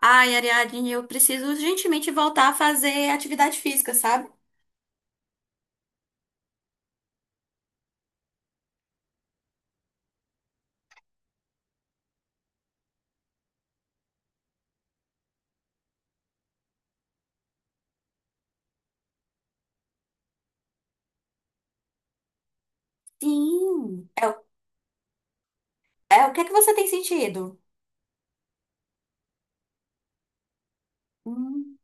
Ai, Ariadne, eu preciso urgentemente voltar a fazer atividade física, sabe? Sim. O que é que você tem sentido? Hum,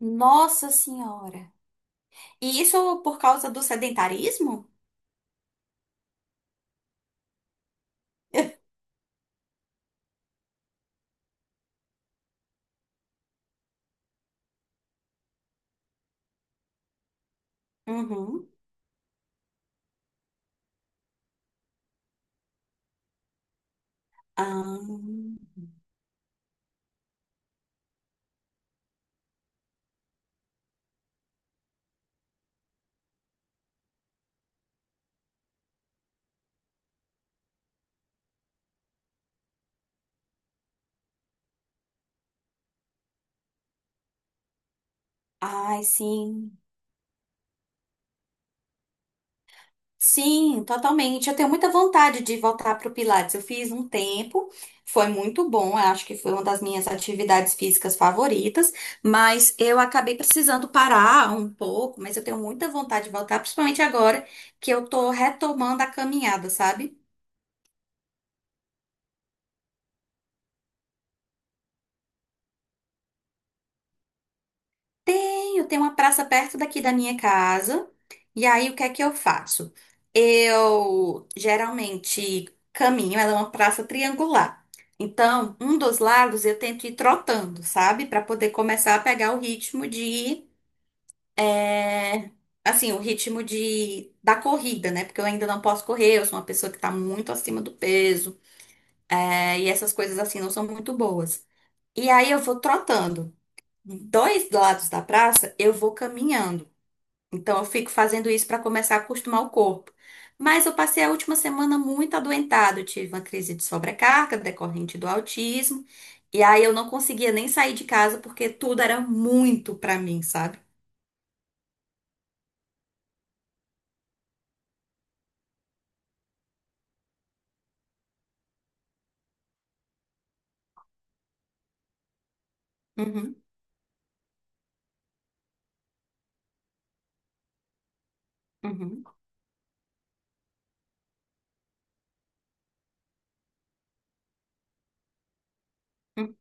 nossa senhora. E isso por causa do sedentarismo? Uhum. Ah, ai, sim. Sim, totalmente. Eu tenho muita vontade de voltar para o Pilates. Eu fiz um tempo, foi muito bom. Eu acho que foi uma das minhas atividades físicas favoritas, mas eu acabei precisando parar um pouco. Mas eu tenho muita vontade de voltar, principalmente agora que eu tô retomando a caminhada, sabe? Tenho, tem uma praça perto daqui da minha casa. E aí, o que é que eu faço? Eu geralmente caminho, ela é uma praça triangular. Então, um dos lados eu tento ir trotando, sabe? Para poder começar a pegar o ritmo de. É, assim, o ritmo de, da corrida, né? Porque eu ainda não posso correr, eu sou uma pessoa que tá muito acima do peso. É, e essas coisas assim não são muito boas. E aí, eu vou trotando. Dois lados da praça, eu vou caminhando. Então, eu fico fazendo isso para começar a acostumar o corpo. Mas eu passei a última semana muito adoentada. Eu tive uma crise de sobrecarga decorrente do autismo. E aí eu não conseguia nem sair de casa porque tudo era muito para mim, sabe? Uhum, uhum, uhum.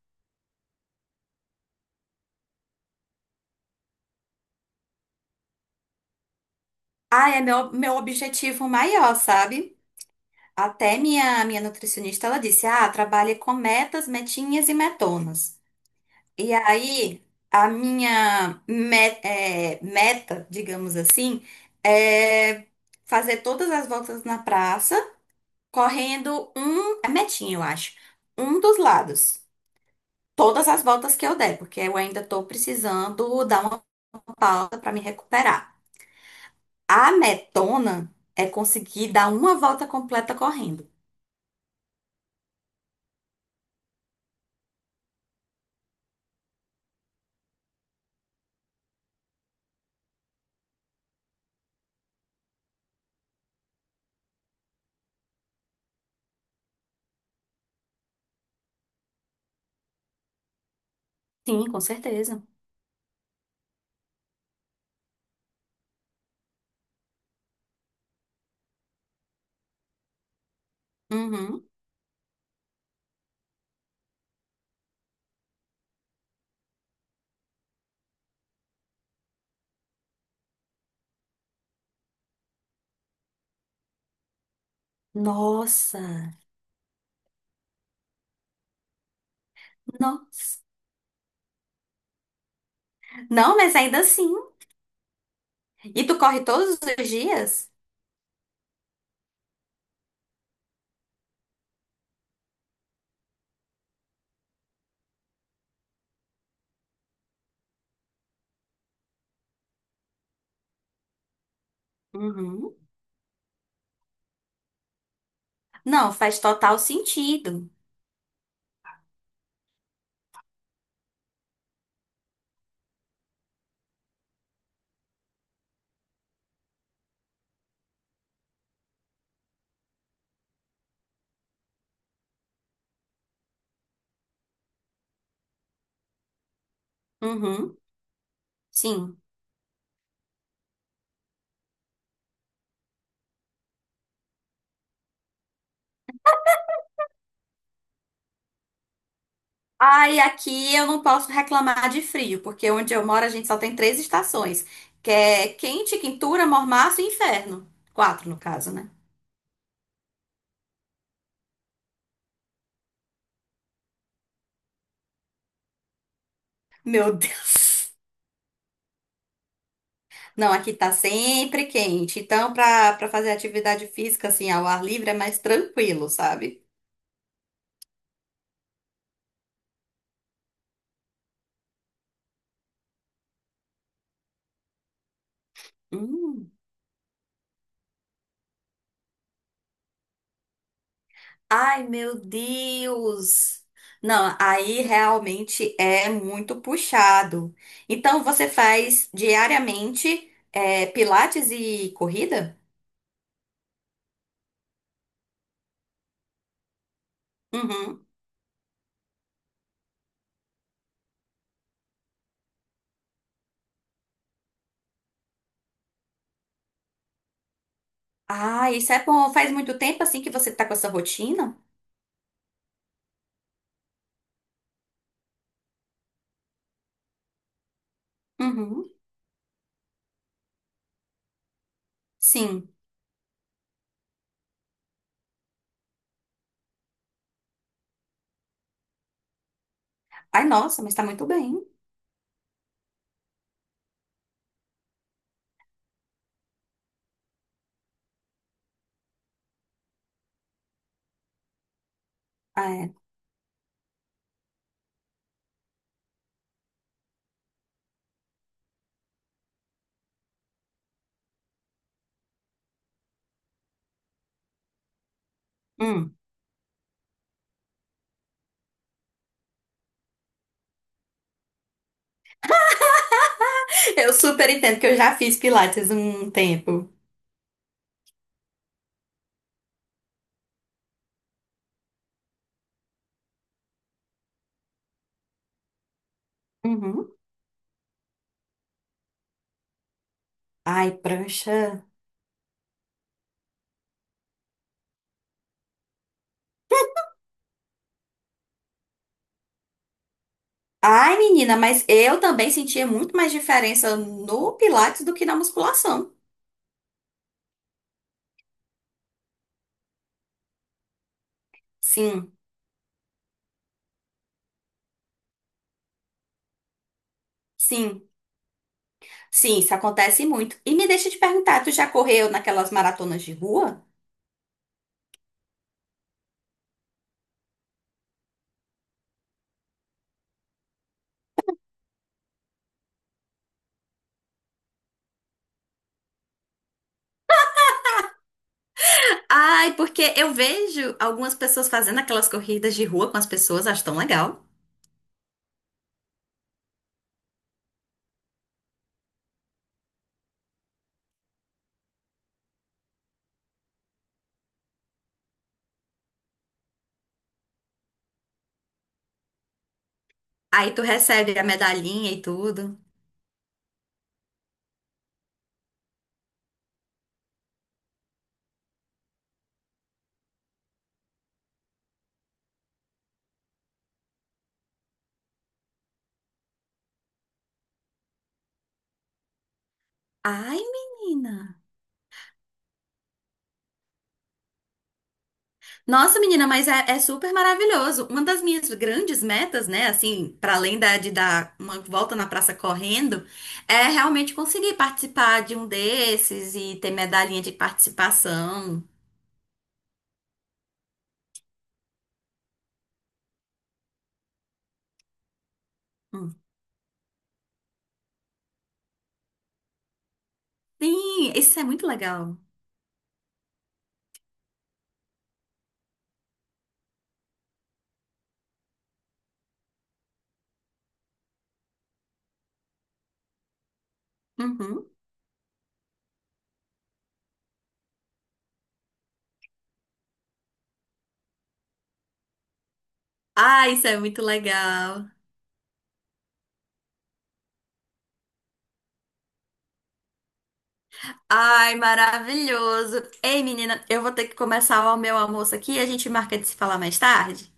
Ah, é meu objetivo maior, sabe? Até minha nutricionista, ela disse, ah, trabalhe com metas, metinhas e metonas. E aí, a meta, digamos assim, é fazer todas as voltas na praça, correndo um, é metinha, eu acho, um dos lados. Todas as voltas que eu der, porque eu ainda tô precisando dar uma pausa para me recuperar. A metona é conseguir dar uma volta completa correndo. Sim, com certeza. Uhum. Nossa, nossa. Não, mas ainda assim. E tu corre todos os dias? Uhum. Não, faz total sentido. Uhum. Sim. Ai, aqui eu não posso reclamar de frio, porque onde eu moro a gente só tem três estações, que é quente, quintura, mormaço e inferno. Quatro, no caso, né? Meu Deus. Não, aqui tá sempre quente. Então, pra fazer atividade física, assim, ao ar livre é mais tranquilo, sabe? Hum. Ai, meu Deus! Não, aí realmente é muito puxado. Então você faz diariamente é, pilates e corrida? Uhum. Ah, isso é bom. Faz muito tempo assim que você tá com essa rotina? Uhum. Sim. Ai, nossa, mas tá muito bem. Ah, é. Hum. Eu super entendo que eu já fiz pilates um tempo. Uhum. Ai, prancha. Ai, menina, mas eu também sentia muito mais diferença no Pilates do que na musculação. Sim, sim, sim, isso acontece muito. E me deixa te perguntar, tu já correu naquelas maratonas de rua? Ai, porque eu vejo algumas pessoas fazendo aquelas corridas de rua com as pessoas, acho tão legal. Aí tu recebe a medalhinha e tudo. Ai, menina. Nossa, menina, mas é super maravilhoso. Uma das minhas grandes metas, né, assim, para além de dar uma volta na praça correndo, é realmente conseguir participar de um desses e ter medalhinha de participação. Hum. Sim, isso é muito legal. Uhum. Ah, isso é muito legal. Ai, maravilhoso. Ei, menina, eu vou ter que começar o meu almoço aqui. A gente marca de se falar mais tarde.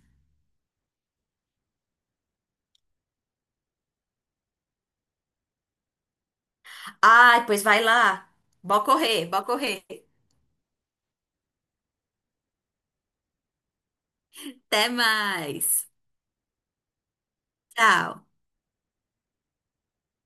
Ai, pois vai lá. Bora correr, bora correr. Até mais. Tchau.